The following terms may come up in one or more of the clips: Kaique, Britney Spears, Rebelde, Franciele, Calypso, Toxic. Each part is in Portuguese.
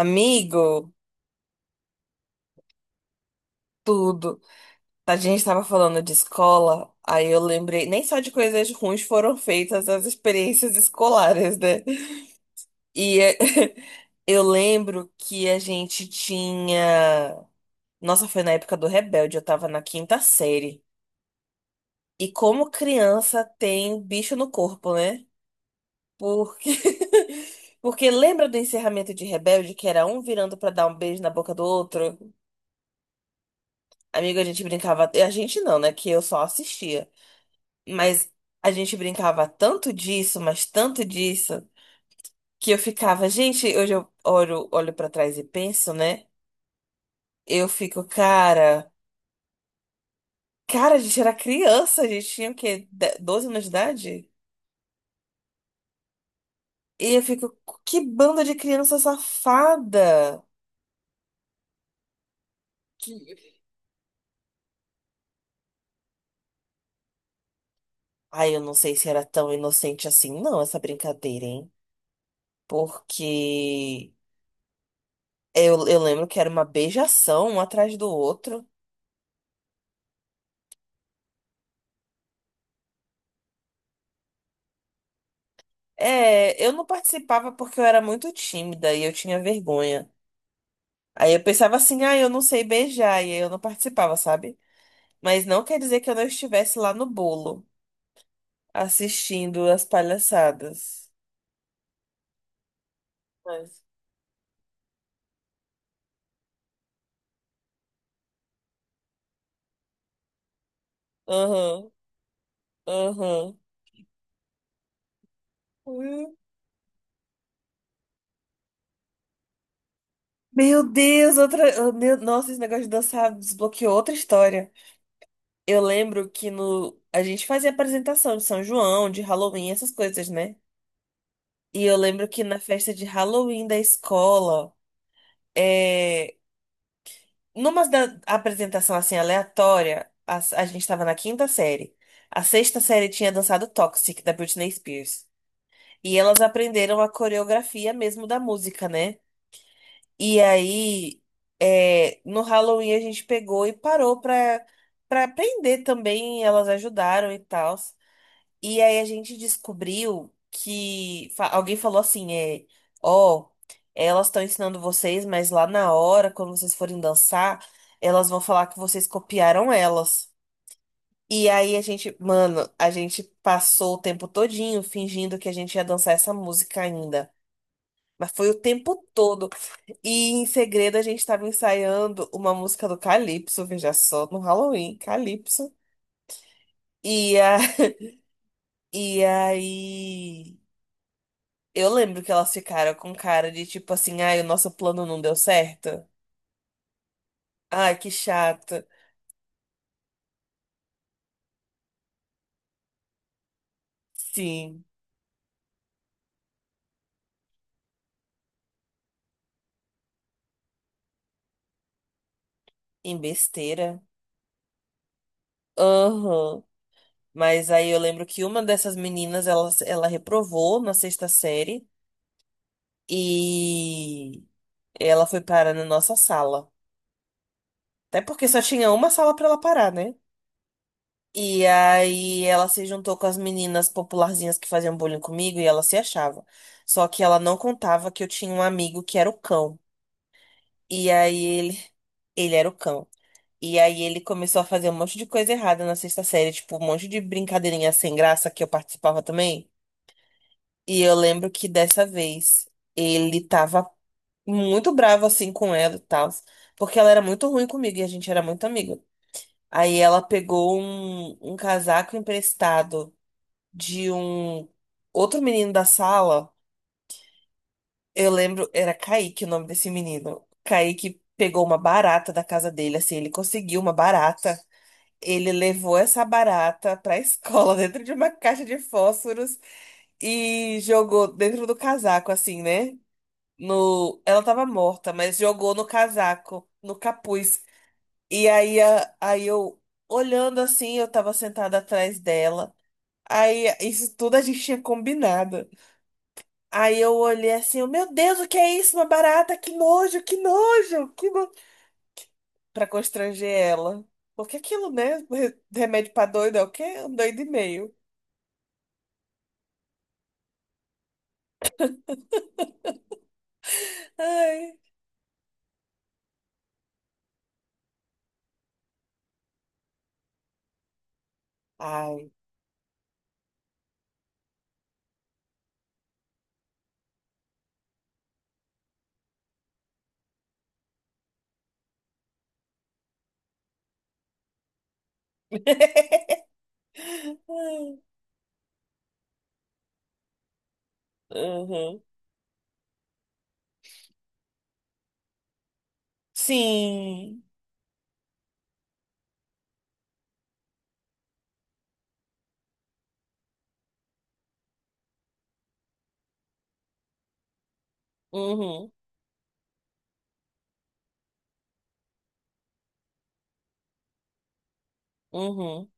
Amigo, tudo. A gente tava falando de escola, aí eu lembrei, nem só de coisas ruins foram feitas as experiências escolares, né? E é, eu lembro que a gente tinha. Nossa, foi na época do Rebelde, eu tava na quinta série. E como criança tem bicho no corpo, né? Porque. Porque lembra do encerramento de Rebelde, que era um virando pra dar um beijo na boca do outro? Amigo, a gente brincava. A gente não, né? Que eu só assistia. Mas a gente brincava tanto disso, mas tanto disso, que eu ficava, gente, hoje eu olho, olho para trás e penso, né? Eu fico, cara, cara, a gente era criança, a gente tinha o quê? 12 anos de idade? E eu fico, que banda de criança safada! Que... Ai, eu não sei se era tão inocente assim, não, essa brincadeira, hein? Porque eu lembro que era uma beijação um atrás do outro. É, eu não participava porque eu era muito tímida e eu tinha vergonha. Aí eu pensava assim, ah, eu não sei beijar, e aí eu não participava, sabe? Mas não quer dizer que eu não estivesse lá no bolo, assistindo as palhaçadas. Mas, aham, aham. Hum. Meu Deus, outra. Oh, meu, nossa, esse negócio de dançar desbloqueou outra história. Eu lembro que no. A gente fazia apresentação de São João, de Halloween, essas coisas, né? E eu lembro que na festa de Halloween da escola. É, numa da apresentação assim aleatória, a gente estava na quinta série. A sexta série tinha dançado Toxic, da Britney Spears. E elas aprenderam a coreografia mesmo da música, né? E aí, é, no Halloween a gente pegou e parou pra, pra aprender também. Elas ajudaram e tal. E aí a gente descobriu que alguém falou assim, é, ó, elas estão ensinando vocês, mas lá na hora, quando vocês forem dançar, elas vão falar que vocês copiaram elas. E aí a gente, mano, a gente passou o tempo todinho fingindo que a gente ia dançar essa música ainda. Mas foi o tempo todo. E em segredo a gente tava ensaiando uma música do Calypso, veja só, no Halloween, Calypso. E, a... e aí. Eu lembro que elas ficaram com cara de tipo assim, ai, o nosso plano não deu certo. Ai, que chato. Sim, em besteira. Aham. Mas aí eu lembro que uma dessas meninas, ela reprovou na sexta série e ela foi parar na nossa sala. Até porque só tinha uma sala pra ela parar, né? E aí ela se juntou com as meninas popularzinhas que faziam bullying comigo e ela se achava. Só que ela não contava que eu tinha um amigo que era o cão. E aí ele era o cão. E aí ele começou a fazer um monte de coisa errada na sexta série, tipo um monte de brincadeirinha sem graça que eu participava também. E eu lembro que dessa vez ele tava muito bravo assim com ela e tal, porque ela era muito ruim comigo e a gente era muito amigo. Aí ela pegou um casaco emprestado de um outro menino da sala. Eu lembro, era Kaique o nome desse menino. Kaique pegou uma barata da casa dele, assim, ele conseguiu uma barata. Ele levou essa barata pra escola dentro de uma caixa de fósforos e jogou dentro do casaco, assim, né? No... Ela tava morta, mas jogou no casaco, no capuz. E aí, aí eu, olhando assim, eu tava sentada atrás dela. Aí isso tudo a gente tinha combinado. Aí eu olhei assim, eu, meu Deus, o que é isso? Uma barata, que nojo, que nojo, que nojo. Pra constranger ela. Porque aquilo, né? Remédio pra doido é o quê? Um doido e meio. Ai. Ai. Uhum. Sim. Uhum. Uhum.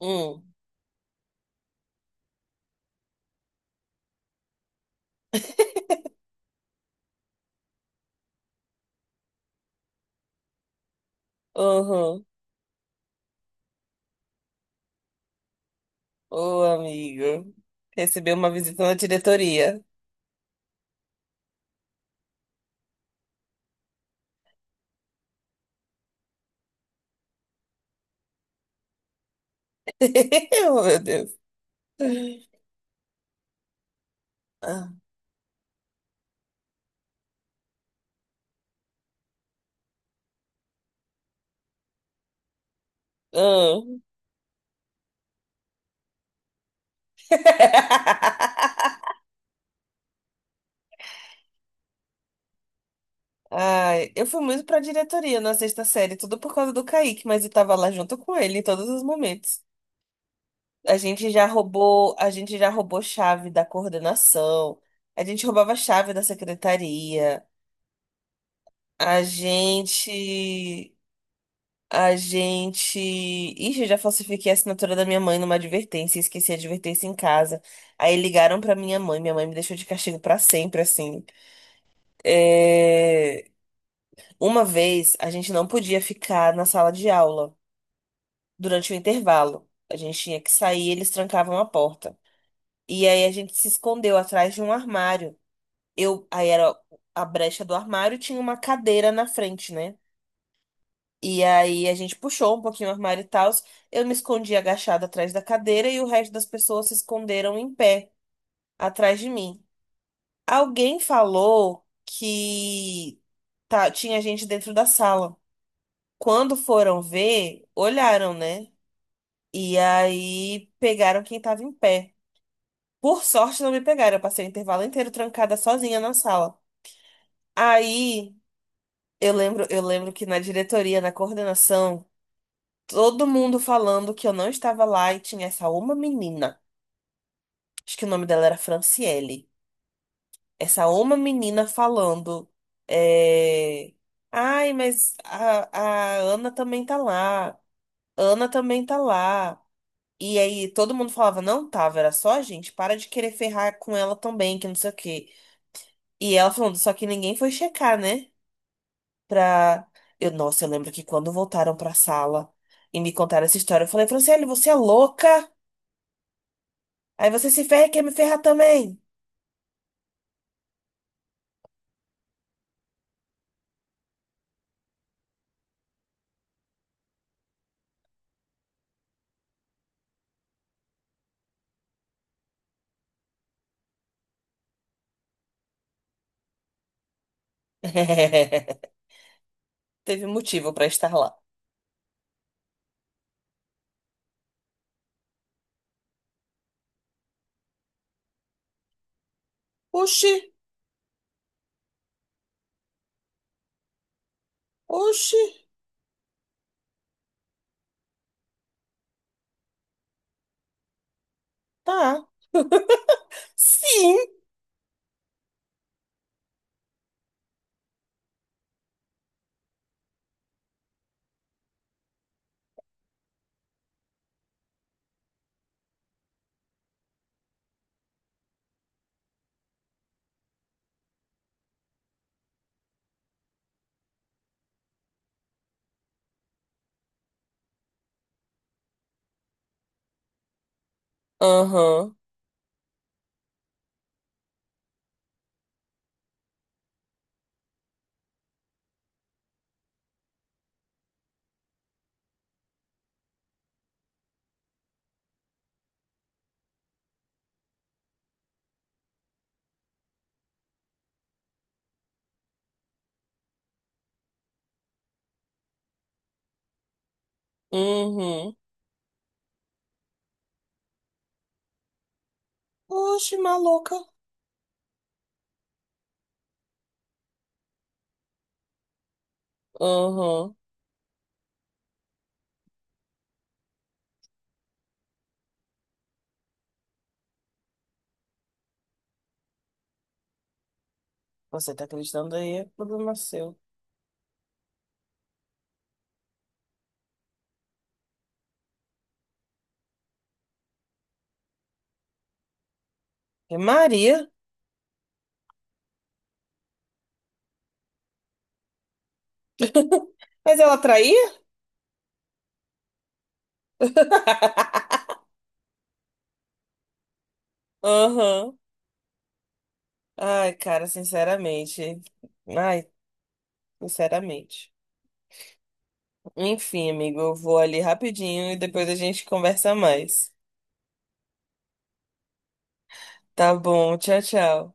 Uhum. Uhum. Ô, amigo. Recebeu uma visita na diretoria. Oh, meu Deus. Ah. Ah. Ai, eu fui muito pra diretoria na sexta série, tudo por causa do Kaique, mas eu tava lá junto com ele em todos os momentos. A gente já roubou, a gente já roubou chave da coordenação, a gente roubava chave da secretaria, a gente, a gente, ixi, eu já falsifiquei a assinatura da minha mãe numa advertência, esqueci a advertência em casa. Aí ligaram pra minha mãe me deixou de castigo pra sempre, assim. É, uma vez a gente não podia ficar na sala de aula durante o intervalo. A gente tinha que sair, eles trancavam a porta. E aí a gente se escondeu atrás de um armário. Eu, aí era a brecha do armário, e tinha uma cadeira na frente, né? E aí a gente puxou um pouquinho o armário e tal. Eu me escondi agachada atrás da cadeira e o resto das pessoas se esconderam em pé atrás de mim. Alguém falou que tá, tinha gente dentro da sala. Quando foram ver, olharam, né? E aí pegaram quem tava em pé. Por sorte, não me pegaram. Eu passei o intervalo inteiro trancada sozinha na sala. Aí, eu lembro que na diretoria, na coordenação, todo mundo falando que eu não estava lá e tinha essa uma menina. Acho que o nome dela era Franciele. Essa uma menina falando. É, ai, mas a Ana também tá lá. Ana também tá lá. E aí todo mundo falava, não tava, era só a gente. Para de querer ferrar com ela também, que não sei o quê. E ela falando, só que ninguém foi checar, né? Pra. Eu, nossa, eu lembro que quando voltaram pra sala e me contaram essa história, eu falei, Franciele, você é louca? Aí você se ferra e quer me ferrar também. Teve motivo pra estar lá. Oxi! Oxi, tá. Sim. Aham. Uhum. Oxi, maluca. Aham. Você tá acreditando aí? É problema é seu. É Maria. Mas ela traía? Aham. Ai, cara, sinceramente. Ai, sinceramente. Enfim, amigo, eu vou ali rapidinho e depois a gente conversa mais. Tá bom, tchau, tchau.